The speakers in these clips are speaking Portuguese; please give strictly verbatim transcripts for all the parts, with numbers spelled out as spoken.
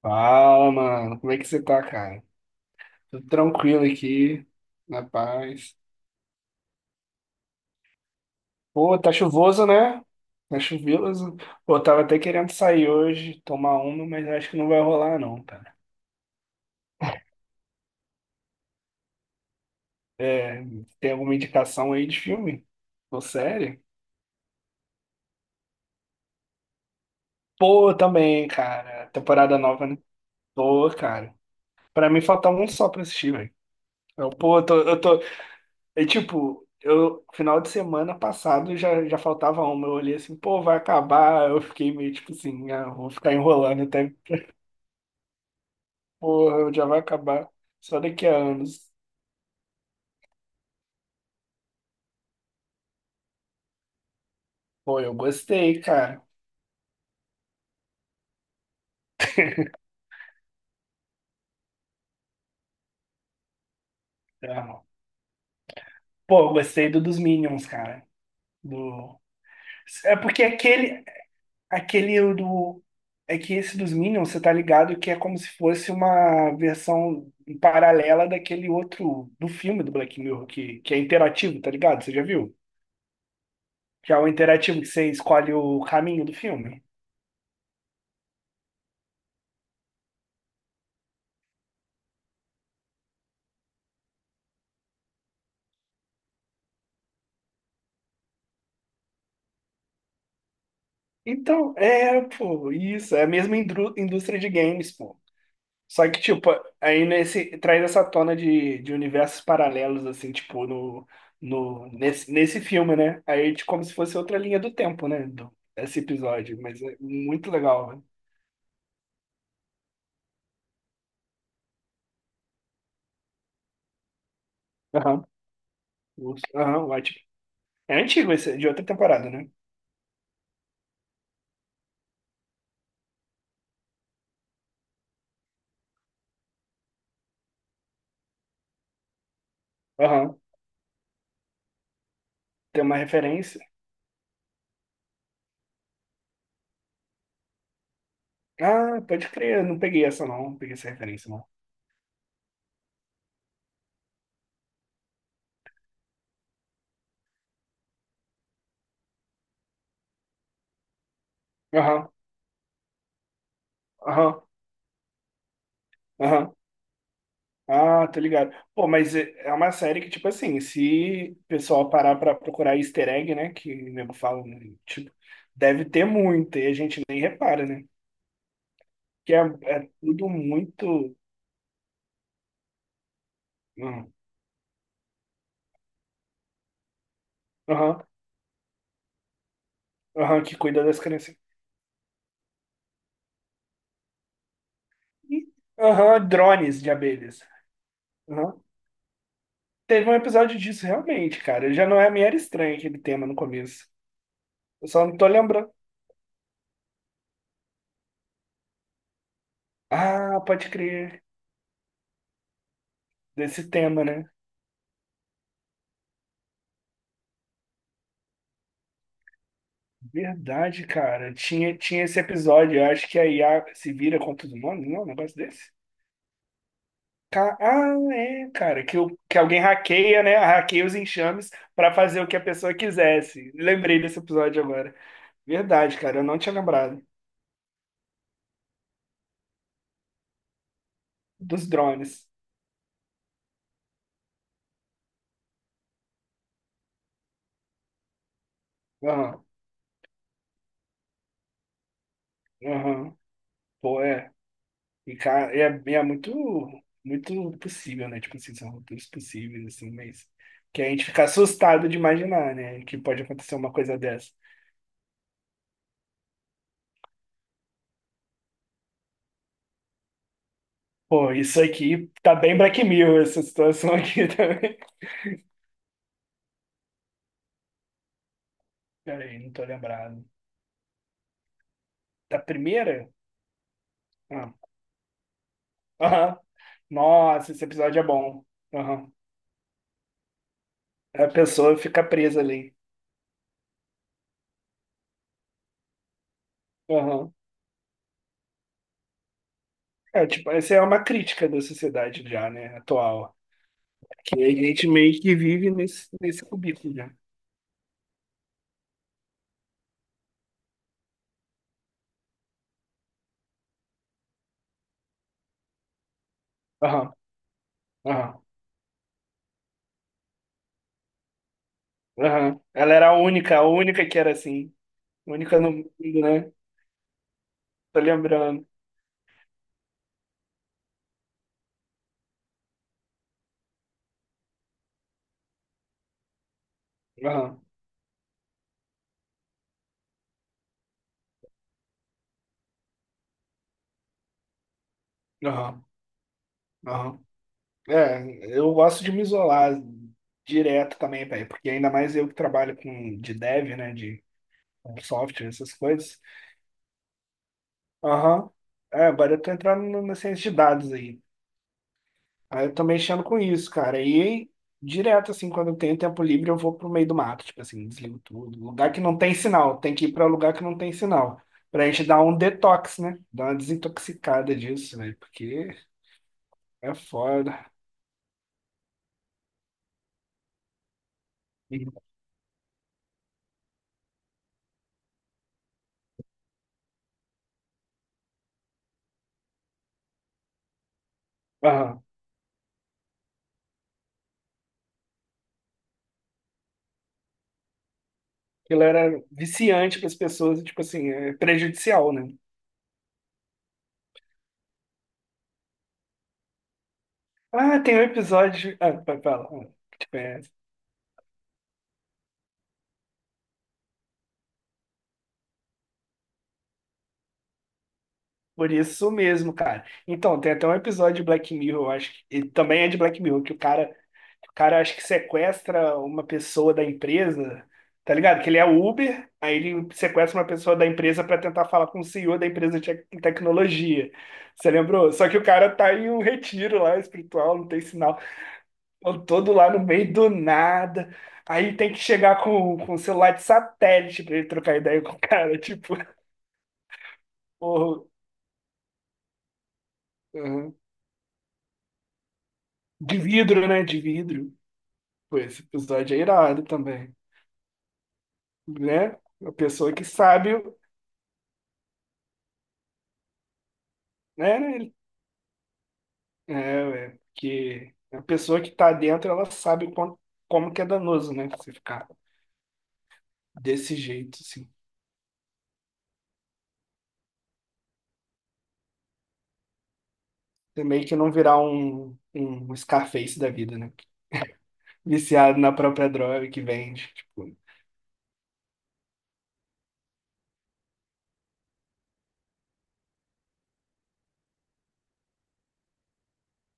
Fala, mano. Como é que você tá, cara? Tudo tranquilo aqui, na paz. Pô, tá chuvoso, né? Tá chuvoso. Pô, eu tava até querendo sair hoje, tomar uma, mas acho que não vai rolar, não, cara. É, tem alguma indicação aí de filme? Ou série? Pô, também, cara. Temporada nova, né? Pô, cara. Pra mim faltava um só pra assistir, velho. Eu, pô, eu tô, eu tô, E tipo, eu final de semana passado já, já faltava uma. Eu olhei assim, pô, vai acabar. Eu fiquei meio tipo assim, ah, vou ficar enrolando até, porra, já vai acabar só daqui a anos. Pô, eu gostei, cara. É. Pô, eu gostei do dos Minions, cara. Do... É porque aquele, aquele do. É que esse dos Minions, você tá ligado que é como se fosse uma versão paralela daquele outro do filme do Black Mirror, que, que é interativo, tá ligado? Você já viu? Que é o interativo que você escolhe o caminho do filme. Então, é, pô, isso, é a mesma indru- indústria de games, pô. Só que, tipo, aí nesse, traz essa tona de, de universos paralelos, assim, tipo, no, no, nesse, nesse filme, né? Aí, tipo, como se fosse outra linha do tempo, né? Do, esse episódio, mas é muito legal, né? Aham, o- aham, ótimo. É antigo esse, de outra temporada, né? Aham, tem uma referência. Ah, pode crer, eu não peguei essa não, não peguei essa referência não. Aham, aham, aham. Ah, tô ligado. Pô, mas é é uma série que, tipo assim, se o pessoal parar pra procurar easter egg, né, que o nego fala, né, tipo, deve ter muito, e a gente nem repara, né? Que é, é tudo muito... Aham, aham, aham, que cuida das crianças. Ih, aham, drones de abelhas. Aham. Teve um episódio disso, realmente, cara. Já não é meio era estranho aquele tema no começo. Eu só não tô lembrando. Ah, pode crer, desse tema, né? Verdade, cara. Tinha, tinha esse episódio. Eu acho que a I A se vira contra os humanos, não? É um negócio desse? Ca- Ah, é, cara. Que, o- que alguém hackeia, né? Hackeia os enxames pra fazer o que a pessoa quisesse. Lembrei desse episódio agora. Verdade, cara. Eu não tinha lembrado dos drones. Aham, aham. Pô, é. E, cara, é, é muito, muito possível, né? Tipo assim, são roteiros possíveis, assim, mas. Que a gente fica assustado de imaginar, né? Que pode acontecer uma coisa dessa. Pô, isso aqui tá bem Black Mirror, essa situação aqui também. Peraí, não tô lembrado. Da primeira? Ah. Aham. Nossa, esse episódio é bom. Aham. A pessoa fica presa ali. Aham. É, tipo, essa é uma crítica da sociedade já, né, atual. Que a gente meio que vive nesse, nesse cubículo já. Aham, aham, aham. Ela era a única, a única que era assim. Única no mundo, né? Tô lembrando. Aham, aham, aham. É, eu gosto de me isolar direto também, velho, porque ainda mais eu que trabalho com de dev, né, de software, essas coisas. Aham. É, agora eu tô entrando no- na ciência de dados aí. Aí eu tô mexendo com isso, cara. E direto, assim, quando eu tenho tempo livre, eu vou pro meio do mato, tipo assim, desligo tudo. Lugar que não tem sinal, tem que ir pra lugar que não tem sinal. Pra gente dar um detox, né? Dar uma desintoxicada disso, né? Porque é foda. Uhum. Aquilo era viciante para as pessoas, e, tipo assim, é prejudicial, né? Ah, tem um episódio. Ah, pa- fala. Ah, tipo, é... Por isso mesmo, cara. Então, tem até um episódio de Black Mirror, eu acho que. E também é de Black Mirror, que o cara. O cara acho que sequestra uma pessoa da empresa, tá ligado? Que ele é Uber, aí ele sequestra uma pessoa da empresa para tentar falar com o C E O da empresa de tec- tecnologia. Você lembrou? Só que o cara tá em um retiro lá espiritual, não tem sinal. Eu todo lá no meio do nada. Aí tem que chegar com, com um celular de satélite pra ele trocar ideia com o cara. Tipo, porra, uhum, de vidro, né? De vidro. Pô, esse episódio é irado também, né? A pessoa que sabe, né? ele- É, ué, que a pessoa que tá dentro, ela sabe como, como que é danoso, né? Você ficar desse jeito, assim. Também que não virar um, um Scarface da vida, né? Viciado na própria droga que vende. Tipo,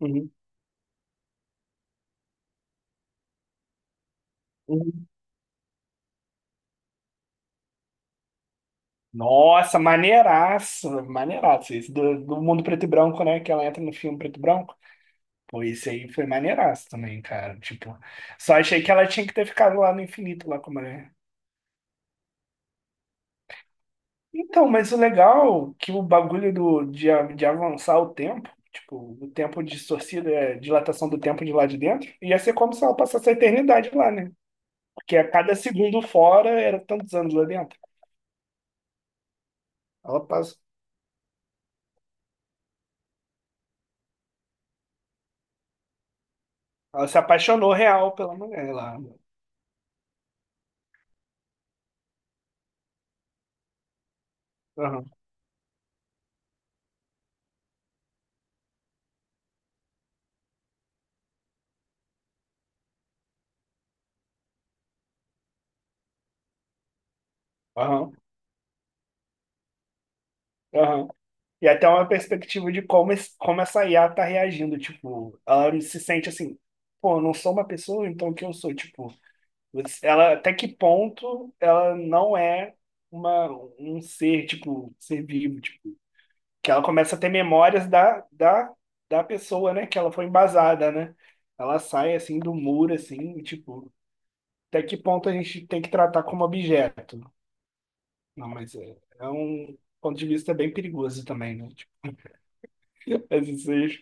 uhum, uhum. Nossa, maneiraço, maneiraço. Esse do, do mundo preto e branco, né? Que ela entra no filme preto e branco. Pô, esse aí foi maneiraço também, cara. Tipo, só achei que ela tinha que ter ficado lá no infinito, lá com a mulher. Então, mas o legal é que o bagulho do, de, a- de avançar o tempo, tipo, o tempo distorcido, é dilatação do tempo de lá de dentro, ia ser como se ela passasse a eternidade lá, né? Porque a cada segundo fora era tantos anos lá dentro. Ela passa, ela se apaixonou real pela mulher lá. Aham, aham, aham. E até uma perspectiva de como, esse- como essa I A tá reagindo. Tipo, ela se sente assim, pô, eu não sou uma pessoa, então o que eu sou? Tipo, você- ela até que ponto ela não é uma, um ser, tipo, um ser vivo, tipo, que ela começa a ter memórias da, da, da pessoa, né? Que ela foi embasada, né? Ela sai assim do muro, assim, e, tipo, até que ponto a gente tem que tratar como objeto? Não, mas é, é um ponto de vista bem perigoso também, né? Tipo, às vezes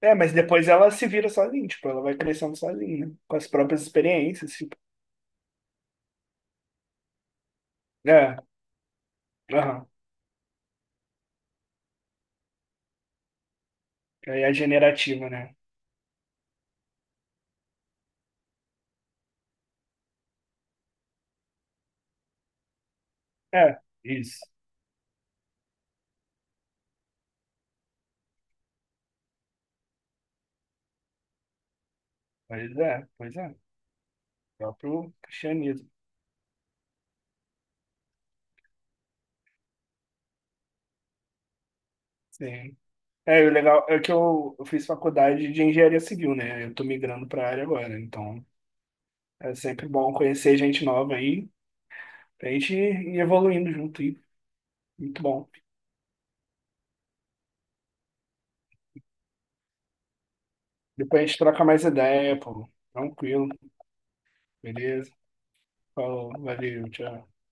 é, mas depois ela se vira sozinha, tipo, ela vai crescendo sozinha, né? Com as próprias experiências, tipo. É, aham. Aí é generativa, né? É, isso. Pois é, pois é. Próprio cristianismo. Sim. É, e o legal é que eu, eu fiz faculdade de engenharia civil, né? Eu tô migrando pra área agora, então é sempre bom conhecer gente nova aí, pra gente ir evoluindo junto aí. Muito bom. Depois a gente troca mais ideia, pô. Tranquilo, beleza? Falou, valeu, tchau.